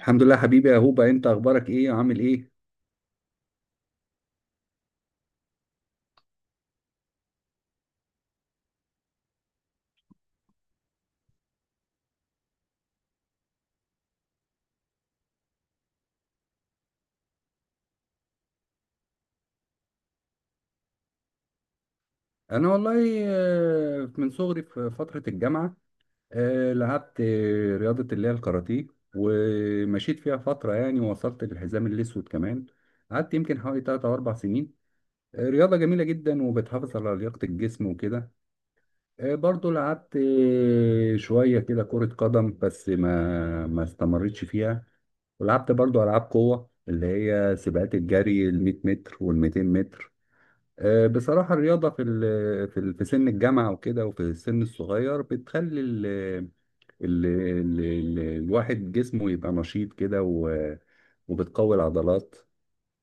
الحمد لله حبيبي يا هوبا، انت اخبارك ايه وعامل ايه؟ انا والله، من صغري في فترة الجامعة لعبت رياضة اللي هي الكاراتيه، ومشيت فيها فترة يعني، ووصلت للحزام الاسود كمان. قعدت يمكن حوالي 3 او 4 سنين. رياضة جميلة جدا، وبتحافظ على لياقة الجسم وكده. برضو لعبت شوية كده كرة قدم، بس ما استمرتش فيها. ولعبت برضو ألعاب قوة اللي هي سباقات الجري ال 100 متر وال 200 متر. بصراحة الرياضة في سن الجامعة وكده، وفي السن الصغير بتخلي ال الواحد جسمه يبقى نشيط كده، وبتقوي العضلات.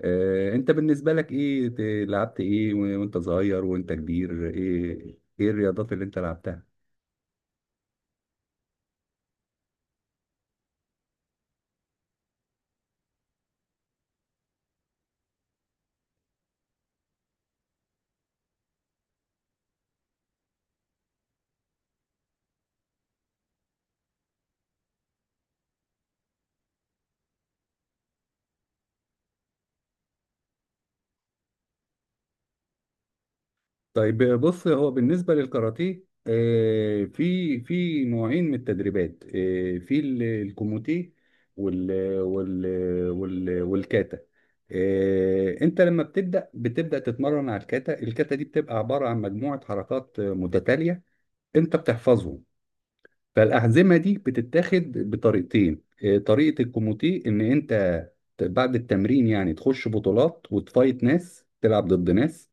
انت بالنسبة لك ايه؟ لعبت ايه وانت صغير وانت كبير؟ ايه ايه الرياضات اللي انت لعبتها؟ طيب بص، هو بالنسبة للكاراتيه في نوعين من التدريبات. في الكوموتيه وال وال وال والكاتا انت لما بتبدأ تتمرن على الكاتا. الكاتا دي بتبقى عبارة عن مجموعة حركات متتالية، انت بتحفظهم. فالأحزمة دي بتتاخد بطريقتين. طريقة الكوموتيه إن أنت بعد التمرين يعني تخش بطولات وتفايت ناس تلعب ضد ناس،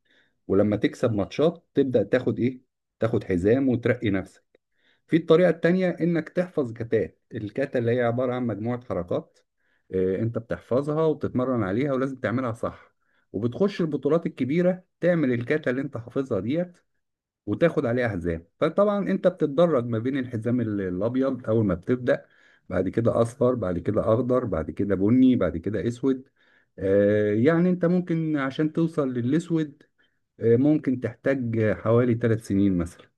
ولما تكسب ماتشات تبدأ تاخد إيه؟ تاخد حزام وترقي نفسك. في الطريقة التانية إنك تحفظ كتات، الكاتا اللي هي عبارة عن مجموعة حركات أنت بتحفظها وبتتمرن عليها، ولازم تعملها صح. وبتخش البطولات الكبيرة تعمل الكاتا اللي أنت حافظها دي، وتاخد عليه احزام. فطبعا انت بتتدرج ما بين الحزام الابيض اول ما بتبدا، بعد كده اصفر، بعد كده اخضر، بعد كده بني، بعد كده اسود. يعني انت ممكن عشان توصل للاسود ممكن تحتاج حوالي 3 سنين مثلا.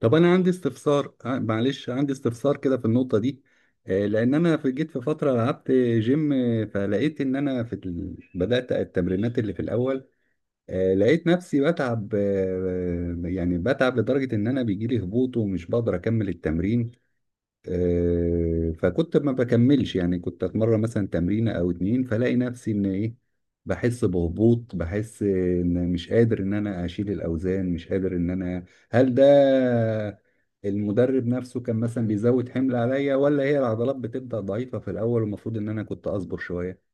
طب انا عندي استفسار، معلش، عندي استفسار كده في النقطه دي. لان انا في جيت في فتره لعبت جيم. فلقيت ان انا في بدات التمرينات اللي في الاول. لقيت نفسي بتعب، يعني بتعب لدرجة إن أنا بيجيلي هبوط ومش بقدر أكمل التمرين. فكنت ما بكملش، يعني كنت أتمرن مثلا تمرينة أو اتنين، فلاقي نفسي إن إيه؟ بحس بهبوط، بحس إن مش قادر إن أنا أشيل الأوزان، مش قادر إن أنا... هل ده المدرب نفسه كان مثلا بيزود حمل عليا، ولا هي العضلات بتبدأ ضعيفة في الأول والمفروض إن أنا كنت أصبر شوية؟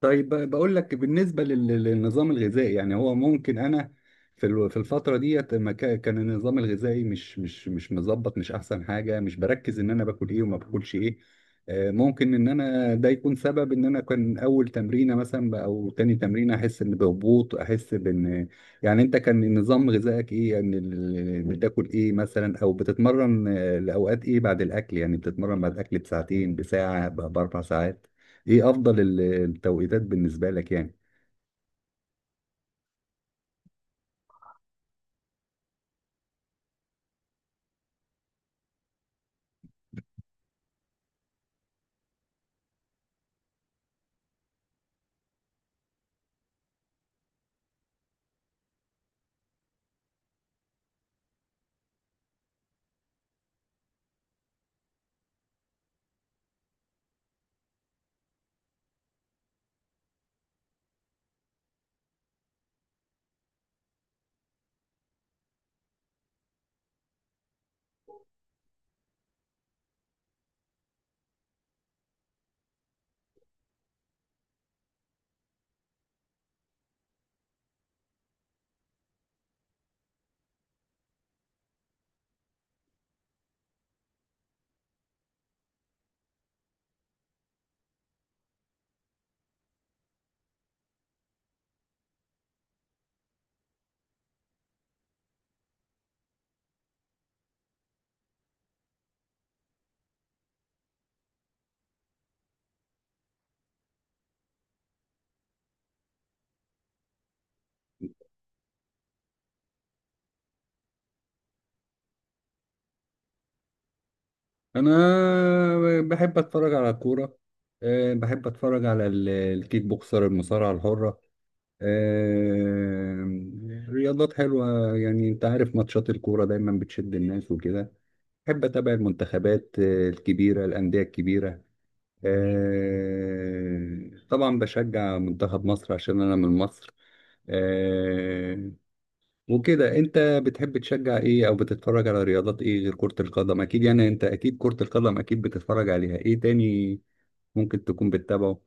طيب بقول لك بالنسبة للنظام الغذائي، يعني هو ممكن أنا في في الفترة ديت ما كان النظام الغذائي مش مظبط، مش أحسن حاجة، مش بركز إن أنا باكل إيه وما باكلش إيه. ممكن إن أنا ده يكون سبب إن أنا كان أول تمرينة مثلا، أو تاني تمرينة، أحس إن بهبوط، أحس بإن... يعني أنت كان نظام غذائك إيه؟ يعني بتاكل إيه مثلا، أو بتتمرن لأوقات إيه بعد الأكل؟ يعني بتتمرن بعد الأكل بساعتين، بساعة، ب4 ساعات؟ ايه افضل التوقيتات بالنسبه لك يعني؟ انا بحب اتفرج على الكوره. بحب اتفرج على الكيك بوكسر، المصارعه الحره. رياضات حلوه يعني. انت عارف ماتشات الكوره دايما بتشد الناس وكده. بحب اتابع المنتخبات الكبيره، الانديه الكبيره. طبعا بشجع منتخب مصر عشان انا من مصر. آه، وكده. انت بتحب تشجع ايه، او بتتفرج على رياضات ايه غير كرة القدم؟ اكيد يعني انت اكيد كرة القدم اكيد بتتفرج عليها، ايه تاني ممكن تكون بتتابعه؟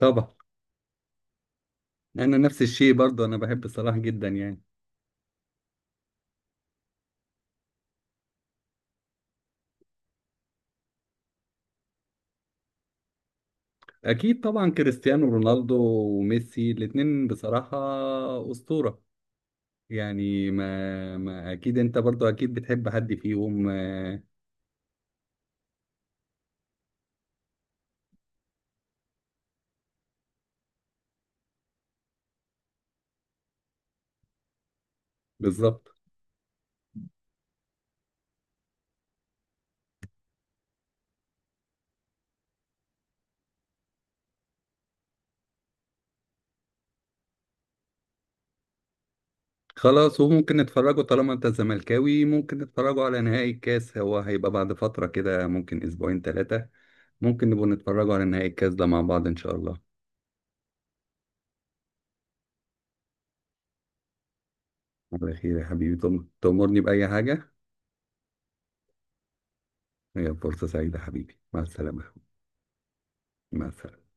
طبعا. انا نفس الشيء برضه، انا بحب صلاح جدا يعني. اكيد طبعا كريستيانو رونالدو وميسي، الاتنين بصراحة أسطورة يعني. ما اكيد انت برضه اكيد بتحب حد فيهم؟ بالظبط. خلاص، وممكن نتفرجوا طالما انت زملكاوي، ممكن نتفرجوا على نهائي الكاس. هو هيبقى بعد فترة كده، ممكن اسبوعين 3. ممكن نبقوا نتفرجوا على نهائي الكاس ده مع بعض ان شاء الله. على خير يا حبيبي، تأمرني بأي حاجة. هي فرصة سعيدة حبيبي، مع السلامة. مع السلامة.